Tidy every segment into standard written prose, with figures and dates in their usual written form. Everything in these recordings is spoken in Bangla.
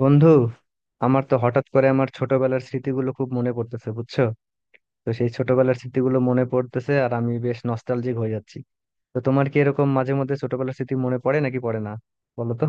বন্ধু, আমার তো হঠাৎ করে আমার ছোটবেলার স্মৃতিগুলো খুব মনে পড়তেছে বুঝছো। তো সেই ছোটবেলার স্মৃতিগুলো মনে পড়তেছে আর আমি বেশ নস্টালজিক হয়ে যাচ্ছি। তো তোমার কি এরকম মাঝে মধ্যে ছোটবেলার স্মৃতি মনে পড়ে নাকি পড়ে না, বলো তো?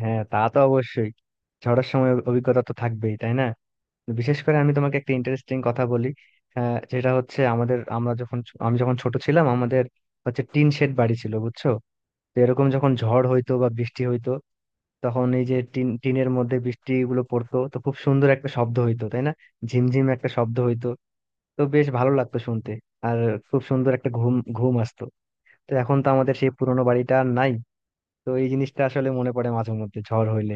হ্যাঁ, তা তো অবশ্যই। ঝড়ের সময় অভিজ্ঞতা তো থাকবেই তাই না? বিশেষ করে আমি তোমাকে একটা ইন্টারেস্টিং কথা বলি। হ্যাঁ, যেটা হচ্ছে আমাদের আমরা যখন, আমি যখন ছোট ছিলাম আমাদের হচ্ছে টিন শেড বাড়ি ছিল বুঝছো। তো এরকম যখন ঝড় হইতো বা বৃষ্টি হইতো তখন এই যে টিন, টিনের মধ্যে বৃষ্টি গুলো পড়তো তো খুব সুন্দর একটা শব্দ হইতো তাই না। ঝিমঝিম একটা শব্দ হইতো, তো বেশ ভালো লাগতো শুনতে। আর খুব সুন্দর একটা ঘুম ঘুম আসতো। তো এখন তো আমাদের সেই পুরোনো বাড়িটা আর নাই। তো এই জিনিসটা আসলে মনে পড়ে মাঝে মধ্যে ঝড় হইলে।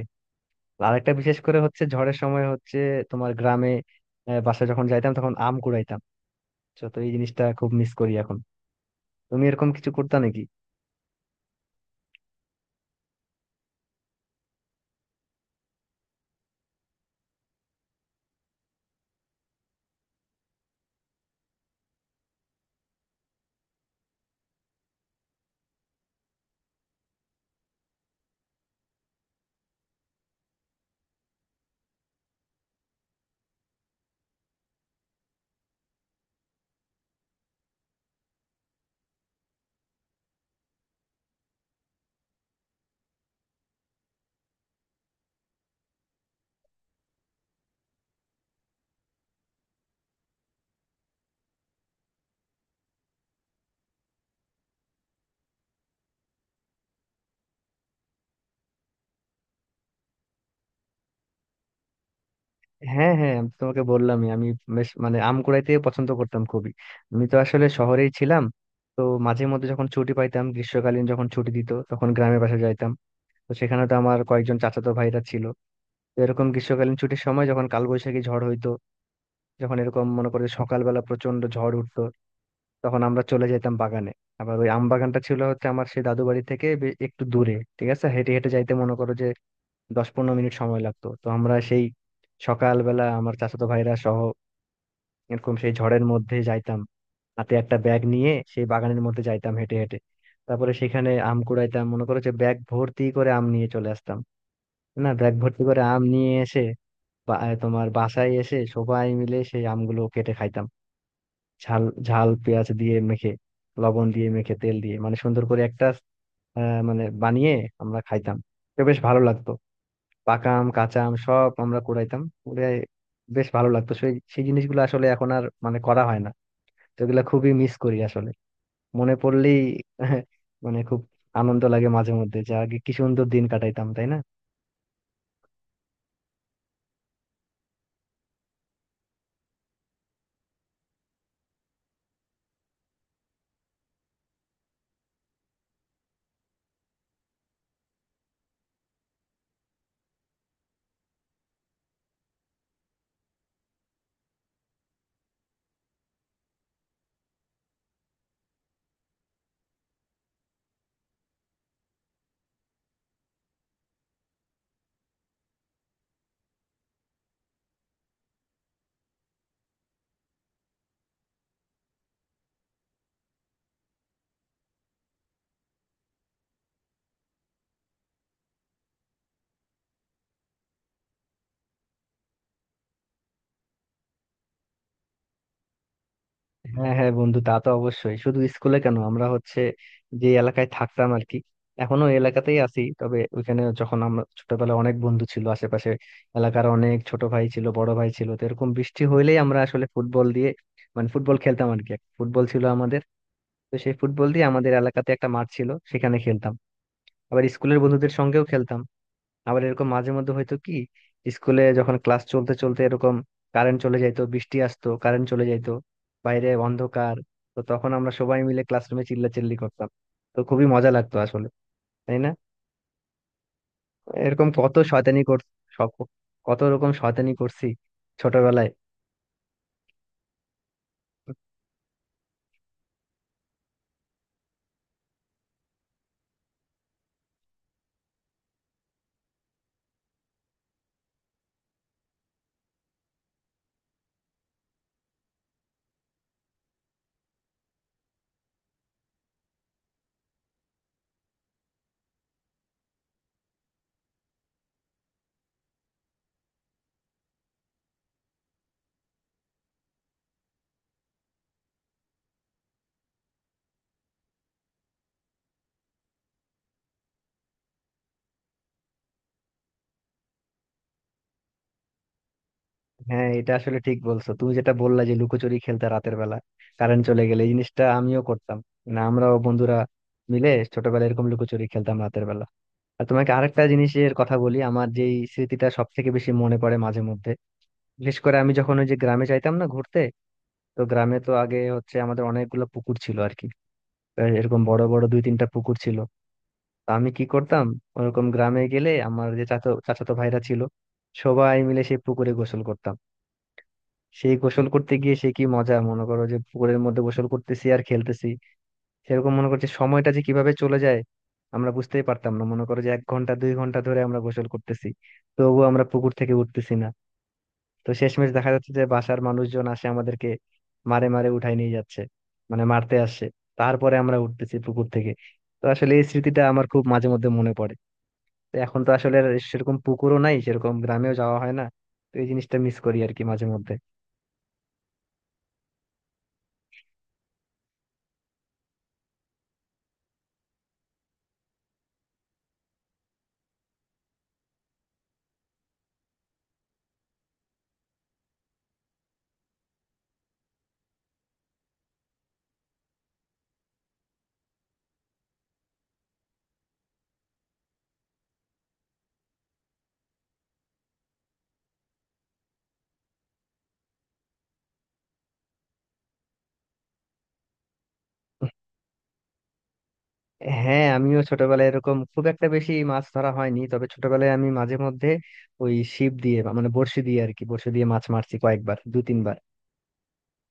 আর একটা বিশেষ করে হচ্ছে ঝড়ের সময় হচ্ছে তোমার গ্রামে, বাসায় যখন যাইতাম তখন আম কুড়াইতাম। তো তো এই জিনিসটা খুব মিস করি এখন। তুমি এরকম কিছু করতা নাকি? হ্যাঁ হ্যাঁ, আমি তো তোমাকে বললামই, আমি বেশ মানে আম কুড়াইতে পছন্দ করতাম খুবই। আমি তো আসলে শহরেই ছিলাম। তো মাঝে মধ্যে যখন ছুটি পাইতাম, গ্রীষ্মকালীন যখন ছুটি দিত তখন গ্রামের বাসা যাইতাম। তো সেখানে তো আমার কয়েকজন চাচাতো ভাইরা ছিল। তো এরকম গ্রীষ্মকালীন ছুটির সময় যখন কালবৈশাখী ঝড় হইতো, যখন এরকম মনে করে যে সকালবেলা প্রচন্ড ঝড় উঠতো, তখন আমরা চলে যেতাম বাগানে। আবার ওই আম বাগানটা ছিল হচ্ছে আমার সেই দাদু বাড়ি থেকে একটু দূরে, ঠিক আছে, হেঁটে হেঁটে যাইতে মনে করো যে 10-15 মিনিট সময় লাগতো। তো আমরা সেই সকালবেলা আমার চাচাতো ভাইরা সহ এরকম সেই ঝড়ের মধ্যে যাইতাম, হাতে একটা ব্যাগ নিয়ে সেই বাগানের মধ্যে যাইতাম হেঁটে হেঁটে। তারপরে সেখানে আম কুড়াইতাম, মনে করো যে ব্যাগ ভর্তি করে আম নিয়ে চলে আসতাম। না, ব্যাগ ভর্তি করে আম নিয়ে এসে তোমার বাসায় এসে সবাই মিলে সেই আমগুলো কেটে খাইতাম। ঝাল, ঝাল পেঁয়াজ দিয়ে মেখে, লবণ দিয়ে মেখে, তেল দিয়ে, মানে সুন্দর করে একটা মানে বানিয়ে আমরা খাইতাম। তো বেশ ভালো লাগতো। পাকা আম, কাঁচা আম সব আমরা কুড়াইতাম বেশ ভালো লাগতো, সেই সেই জিনিসগুলো আসলে এখন আর মানে করা হয় না। তো এগুলা খুবই মিস করি আসলে, মনে পড়লেই মানে খুব আনন্দ লাগে মাঝে মধ্যে যে আগে কি সুন্দর দিন কাটাইতাম তাই না। হ্যাঁ হ্যাঁ বন্ধু, তা তো অবশ্যই। শুধু স্কুলে কেন, আমরা হচ্ছে যে এলাকায় থাকতাম আর কি, এখনো ওই এলাকাতেই আছি, তবে ওইখানে যখন আমরা ছোটবেলায় অনেক বন্ধু ছিল আশেপাশে, এলাকার অনেক ছোট ভাই ছিল বড় ভাই ছিল, তো এরকম বৃষ্টি হইলেই আমরা আসলে ফুটবল দিয়ে, মানে ফুটবল খেলতাম আর কি। ফুটবল ছিল আমাদের, তো সেই ফুটবল দিয়ে আমাদের এলাকাতে একটা মাঠ ছিল সেখানে খেলতাম। আবার স্কুলের বন্ধুদের সঙ্গেও খেলতাম। আবার এরকম মাঝে মধ্যে হয়তো কি, স্কুলে যখন ক্লাস চলতে চলতে এরকম কারেন্ট চলে যাইতো, বৃষ্টি আসতো, কারেন্ট চলে যাইতো, বাইরে অন্ধকার। তো তখন আমরা সবাই মিলে ক্লাসরুমে চিল্লাচিল্লি করতাম। তো খুবই মজা লাগতো আসলে, তাই না? এরকম কত শয়তানি কর, সব- কত রকম শয়তানি করছি ছোটবেলায়। হ্যাঁ, এটা আসলে ঠিক বলছো তুমি, যেটা বললা যে লুকোচুরি খেলতে রাতের বেলা কারেন্ট চলে গেলে, এই জিনিসটা আমিও করতাম। না, আমরাও বন্ধুরা মিলে ছোটবেলায় এরকম লুকোচুরি খেলতাম রাতের বেলা। আর তোমাকে আরেকটা জিনিসের কথা বলি, আমার যেই স্মৃতিটা সব থেকে বেশি মনে পড়ে মাঝে মধ্যে, বিশেষ করে আমি যখন ওই যে গ্রামে যাইতাম না ঘুরতে, তো গ্রামে তো আগে হচ্ছে আমাদের অনেকগুলো পুকুর ছিল আর কি। আর এরকম বড় বড় দুই তিনটা পুকুর ছিল। তো আমি কি করতাম, ওরকম গ্রামে গেলে আমার যে চাচা চাচাতো ভাইরা ছিল, সবাই মিলে সেই পুকুরে গোসল করতাম। সেই গোসল করতে গিয়ে সে কি মজা, মনে করো যে পুকুরের মধ্যে গোসল করতেছি আর খেলতেছি, সেরকম মনে করছে সময়টা যে কিভাবে চলে যায় আমরা বুঝতেই পারতাম না, মনে করো যে 1 ঘন্টা 2 ঘন্টা ধরে আমরা গোসল করতেছি তবুও আমরা পুকুর থেকে উঠতেছি না। তো শেষমেশ দেখা যাচ্ছে যে বাসার মানুষজন আসে আমাদেরকে মারে মারে উঠাই নিয়ে যাচ্ছে, মানে মারতে আসছে, তারপরে আমরা উঠতেছি পুকুর থেকে। তো আসলে এই স্মৃতিটা আমার খুব মাঝে মধ্যে মনে পড়ে। তো এখন তো আসলে আর সেরকম পুকুরও নাই, সেরকম গ্রামেও যাওয়া হয় না। তো এই জিনিসটা মিস করি আর কি মাঝে মধ্যে। হ্যাঁ, আমিও ছোটবেলায় এরকম খুব একটা বেশি মাছ ধরা হয়নি, তবে ছোটবেলায় আমি মাঝে মধ্যে ওই ছিপ দিয়ে বা মানে বড়শি দিয়ে আর কি, বড়শি দিয়ে মাছ মারছি কয়েকবার, দু তিনবার।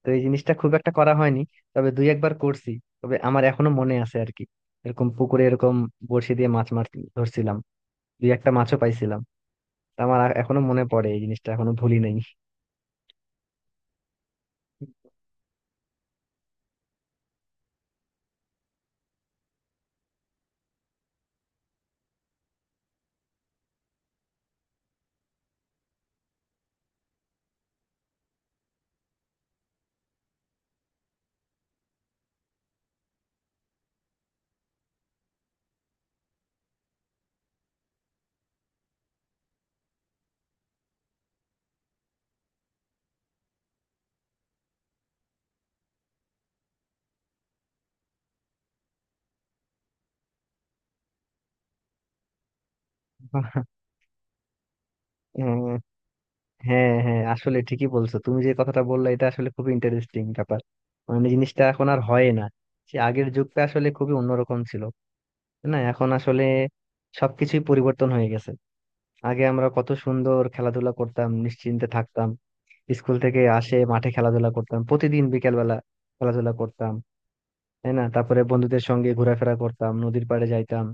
তো এই জিনিসটা খুব একটা করা হয়নি, তবে দুই একবার করছি। তবে আমার এখনো মনে আছে আর কি, এরকম পুকুরে এরকম বড়শি দিয়ে মাছ মার ধরছিলাম, দুই একটা মাছও পাইছিলাম। তা আমার এখনো মনে পড়ে, এই জিনিসটা এখনো ভুলি নাই। হ্যাঁ হ্যাঁ, আসলে ঠিকই বলছো তুমি, যে কথাটা বললে এটা আসলে খুবই ইন্টারেস্টিং ব্যাপার। মানে জিনিসটা এখন আর হয় না, সে আগের যুগটা আসলে খুবই অন্যরকম ছিল তাই না? এখন আসলে সবকিছুই পরিবর্তন হয়ে গেছে। আগে আমরা কত সুন্দর খেলাধুলা করতাম, নিশ্চিন্তে থাকতাম। স্কুল থেকে আসে মাঠে খেলাধুলা করতাম প্রতিদিন বিকেল বেলা, খেলাধুলা করতাম তাই না। তারপরে বন্ধুদের সঙ্গে ঘোরাফেরা করতাম, নদীর পাড়ে যাইতাম।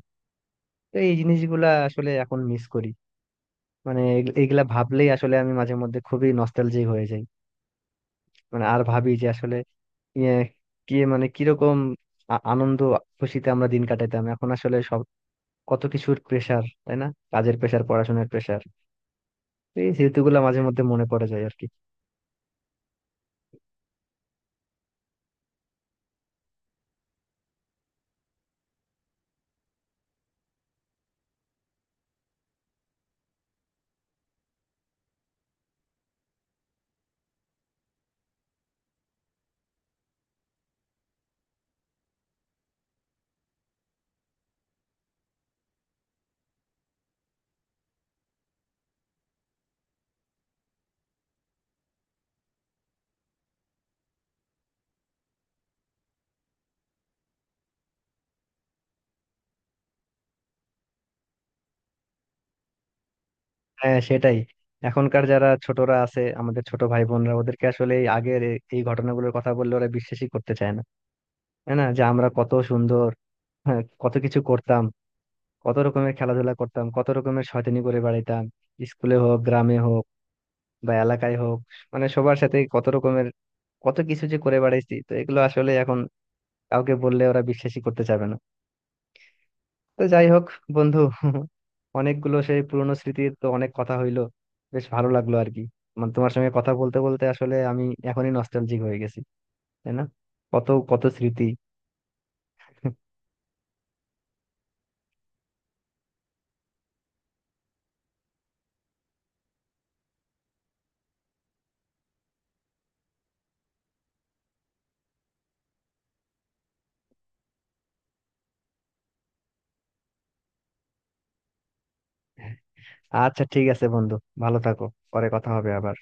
তো এই জিনিসগুলা আসলে এখন মিস করি, মানে এগুলা ভাবলেই আসলে আমি মাঝে মধ্যে খুবই নস্টালজিক হয়ে যাই। মানে আর ভাবি যে আসলে ইয়ে, কি মানে কিরকম আনন্দ খুশিতে আমরা দিন কাটাতাম, এখন আসলে সব কত কিছুর প্রেসার তাই না। কাজের প্রেসার, পড়াশোনার প্রেসার। এই স্মৃতিগুলো মাঝে মধ্যে মনে পড়ে যায় আর কি। হ্যাঁ সেটাই। এখনকার যারা ছোটরা আছে, আমাদের ছোট ভাই বোনরা, ওদেরকে আসলে এই আগের এই ঘটনাগুলোর কথা বললে ওরা বিশ্বাসই করতে চায় না। তাই না, যে আমরা কত সুন্দর, হ্যাঁ কত কিছু করতাম, কত রকমের খেলাধুলা করতাম, কত রকমের শয়তানি করে বেড়াইতাম, স্কুলে হোক, গ্রামে হোক, বা এলাকায় হোক, মানে সবার সাথে কত রকমের কত কিছু যে করে বেড়াইছি, তো এগুলো আসলে এখন কাউকে বললে ওরা বিশ্বাসই করতে চাবে না। তো যাই হোক বন্ধু, অনেকগুলো সেই পুরনো স্মৃতির তো অনেক কথা হইলো। বেশ ভালো লাগলো আর কি, মানে তোমার সঙ্গে কথা বলতে বলতে আসলে আমি এখনই নস্টালজিক হয়ে গেছি তাই না। কত কত স্মৃতি। আচ্ছা ঠিক আছে বন্ধু, ভালো থাকো, পরে কথা হবে আবার।